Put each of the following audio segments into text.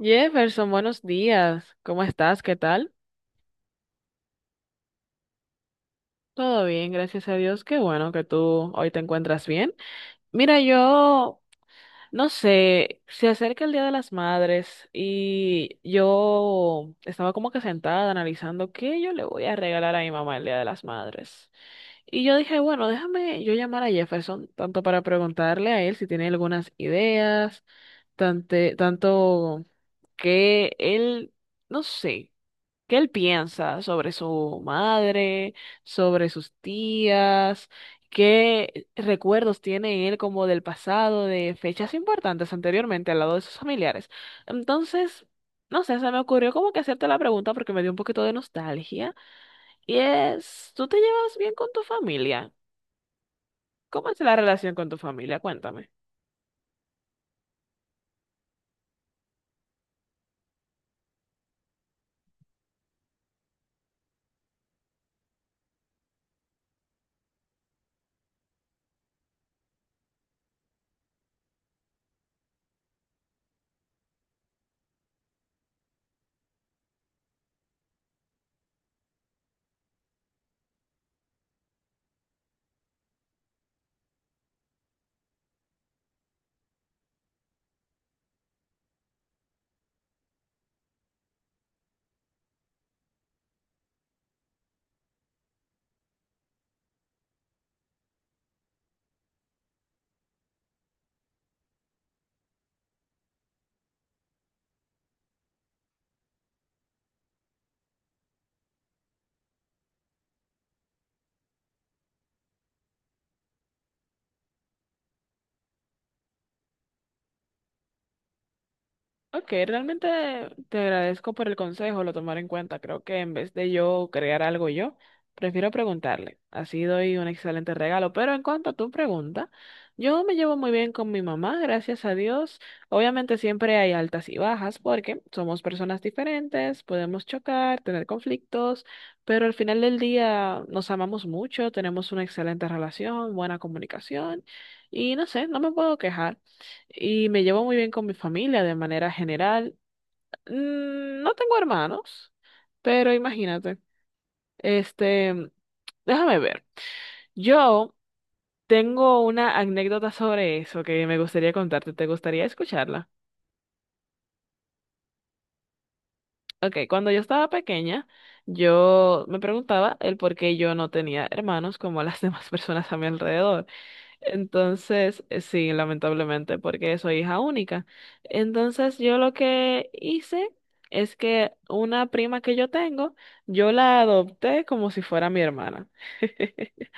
Jefferson, buenos días. ¿Cómo estás? ¿Qué tal? Todo bien, gracias a Dios. Qué bueno que tú hoy te encuentras bien. Mira, yo no sé, se acerca el Día de las Madres y yo estaba como que sentada analizando qué yo le voy a regalar a mi mamá el Día de las Madres. Y yo dije, bueno, déjame yo llamar a Jefferson, tanto para preguntarle a él si tiene algunas ideas, tanto que él, no sé. ¿Qué él piensa sobre su madre, sobre sus tías? ¿Qué recuerdos tiene él como del pasado, de fechas importantes anteriormente al lado de sus familiares? Entonces, no sé, se me ocurrió como que hacerte la pregunta porque me dio un poquito de nostalgia. Y es, ¿tú te llevas bien con tu familia? ¿Cómo es la relación con tu familia? Cuéntame. Ok, realmente te agradezco por el consejo, lo tomaré en cuenta. Creo que en vez de yo crear algo yo, prefiero preguntarle. Así doy un excelente regalo. Pero en cuanto a tu pregunta, yo me llevo muy bien con mi mamá, gracias a Dios. Obviamente siempre hay altas y bajas porque somos personas diferentes, podemos chocar, tener conflictos, pero al final del día nos amamos mucho, tenemos una excelente relación, buena comunicación y no sé, no me puedo quejar y me llevo muy bien con mi familia de manera general. Mm, no tengo hermanos, pero imagínate. Este, déjame ver. Yo tengo una anécdota sobre eso que me gustaría contarte. ¿Te gustaría escucharla? Ok, cuando yo estaba pequeña, yo me preguntaba el por qué yo no tenía hermanos como las demás personas a mi alrededor. Entonces, sí, lamentablemente, porque soy hija única. Entonces, yo lo que hice es que una prima que yo tengo, yo la adopté como si fuera mi hermana.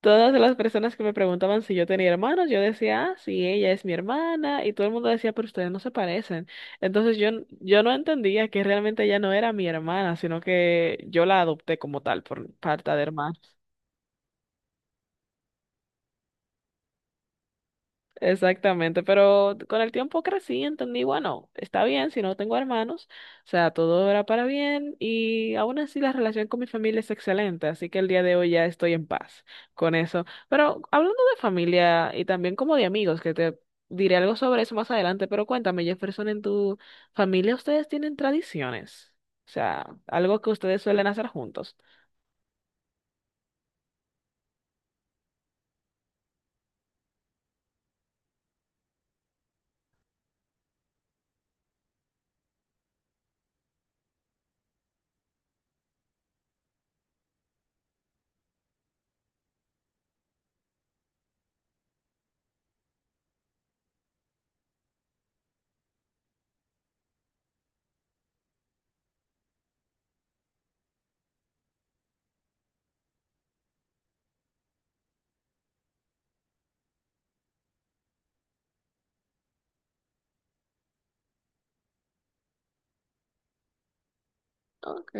Todas las personas que me preguntaban si yo tenía hermanos, yo decía, ah, sí, ella es mi hermana, y todo el mundo decía, pero ustedes no se parecen. Entonces, yo no entendía que realmente ella no era mi hermana, sino que yo la adopté como tal por parte de hermanos. Exactamente, pero con el tiempo crecí, entendí, bueno, está bien si no tengo hermanos, o sea, todo era para bien y aún así la relación con mi familia es excelente, así que el día de hoy ya estoy en paz con eso. Pero hablando de familia y también como de amigos, que te diré algo sobre eso más adelante, pero cuéntame, Jefferson, ¿en tu familia ustedes tienen tradiciones? O sea, algo que ustedes suelen hacer juntos. Ok.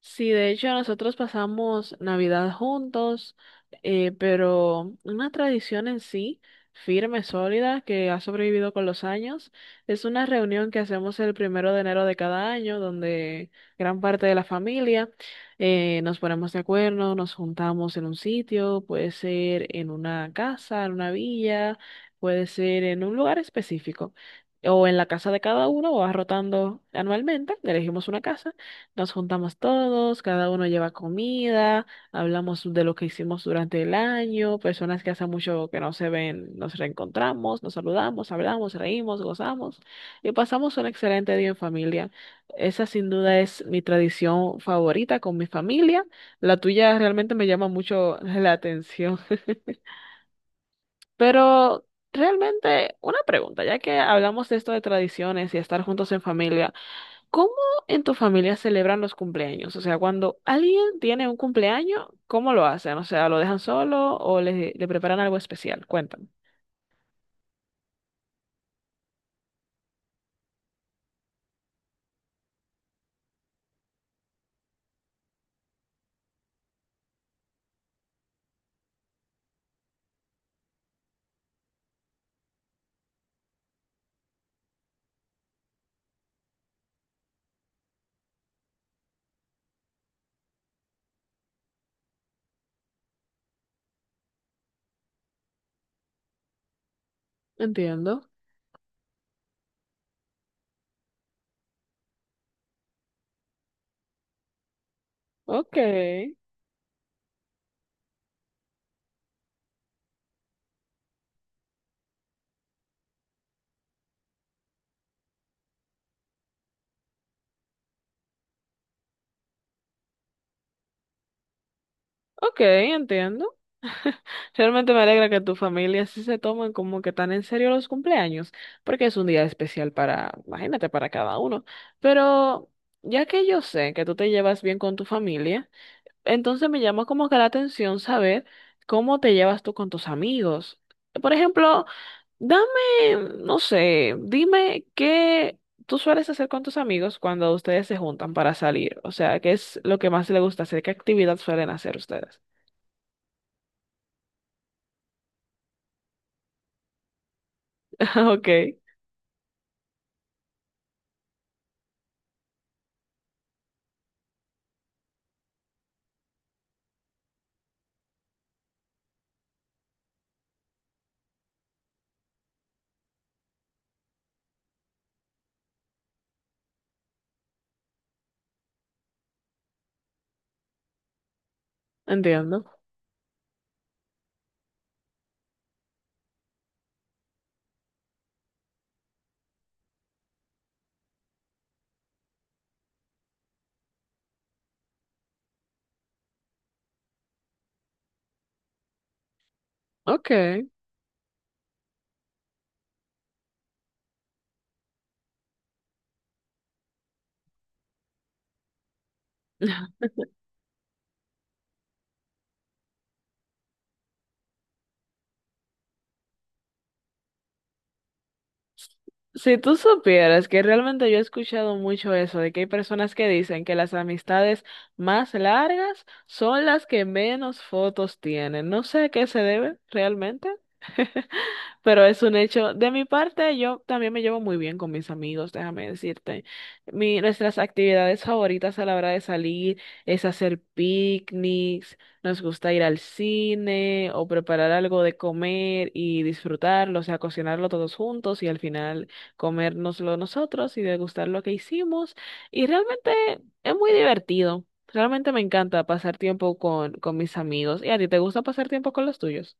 Sí, de hecho nosotros pasamos Navidad juntos, pero una tradición en sí, firme, sólida, que ha sobrevivido con los años, es una reunión que hacemos el primero de enero de cada año, donde gran parte de la familia nos ponemos de acuerdo, nos juntamos en un sitio, puede ser en una casa, en una villa, puede ser en un lugar específico. O en la casa de cada uno, o va rotando anualmente, elegimos una casa, nos juntamos todos, cada uno lleva comida, hablamos de lo que hicimos durante el año, personas que hace mucho que no se ven, nos reencontramos, nos saludamos, hablamos, reímos, gozamos y pasamos un excelente día en familia. Esa sin duda es mi tradición favorita con mi familia. La tuya realmente me llama mucho la atención. Pero realmente una pregunta, ya que hablamos de esto de tradiciones y estar juntos en familia. ¿Cómo en tu familia celebran los cumpleaños? O sea, cuando alguien tiene un cumpleaños, ¿cómo lo hacen? O sea, ¿lo dejan le preparan algo especial? Cuéntame. Entiendo. Ok, ok, entiendo. Realmente me alegra que tu familia sí se tomen como que tan en serio los cumpleaños, porque es un día especial para, imagínate, para cada uno. Pero ya que yo sé que tú te llevas bien con tu familia, entonces me llama como que la atención saber cómo te llevas tú con tus amigos. Por ejemplo, dame, no sé, dime qué tú sueles hacer con tus amigos cuando ustedes se juntan para salir. O sea, ¿qué es lo que más les gusta hacer? ¿Qué actividad suelen hacer ustedes? Ok, entiendo. Ok. Si tú supieras que realmente yo he escuchado mucho eso, de que hay personas que dicen que las amistades más largas son las que menos fotos tienen. No sé a qué se debe realmente, pero es un hecho. De mi parte, yo también me llevo muy bien con mis amigos, déjame decirte. Nuestras actividades favoritas a la hora de salir es hacer picnics, nos gusta ir al cine o preparar algo de comer y disfrutarlo, o sea, cocinarlo todos juntos y al final comérnoslo nosotros y degustar lo que hicimos. Y realmente es muy divertido. Realmente me encanta pasar tiempo con mis amigos. ¿Y a ti te gusta pasar tiempo con los tuyos?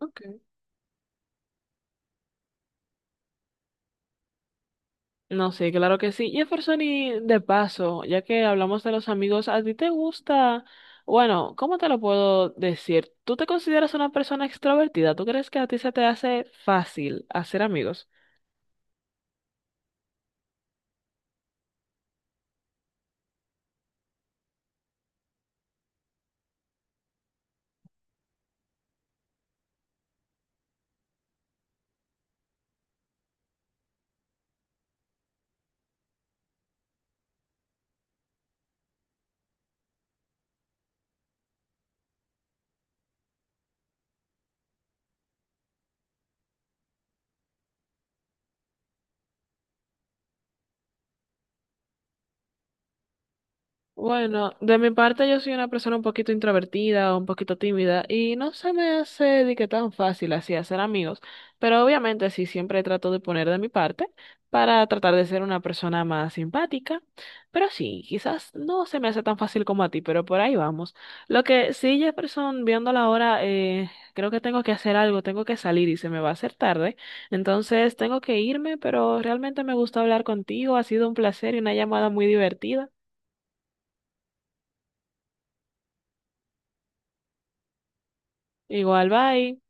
Okay. No, sí, claro que sí. Jefferson, y de paso, ya que hablamos de los amigos, ¿a ti te gusta? Bueno, ¿cómo te lo puedo decir? ¿Tú te consideras una persona extrovertida? ¿Tú crees que a ti se te hace fácil hacer amigos? Bueno, de mi parte yo soy una persona un poquito introvertida, un poquito tímida y no se me hace de que tan fácil así hacer amigos, pero obviamente sí siempre trato de poner de mi parte para tratar de ser una persona más simpática, pero sí, quizás no se me hace tan fácil como a ti, pero por ahí vamos. Lo que sí, Jefferson, viendo la hora, creo que tengo que hacer algo, tengo que salir y se me va a hacer tarde, entonces tengo que irme, pero realmente me gusta hablar contigo, ha sido un placer y una llamada muy divertida. Igual, bye.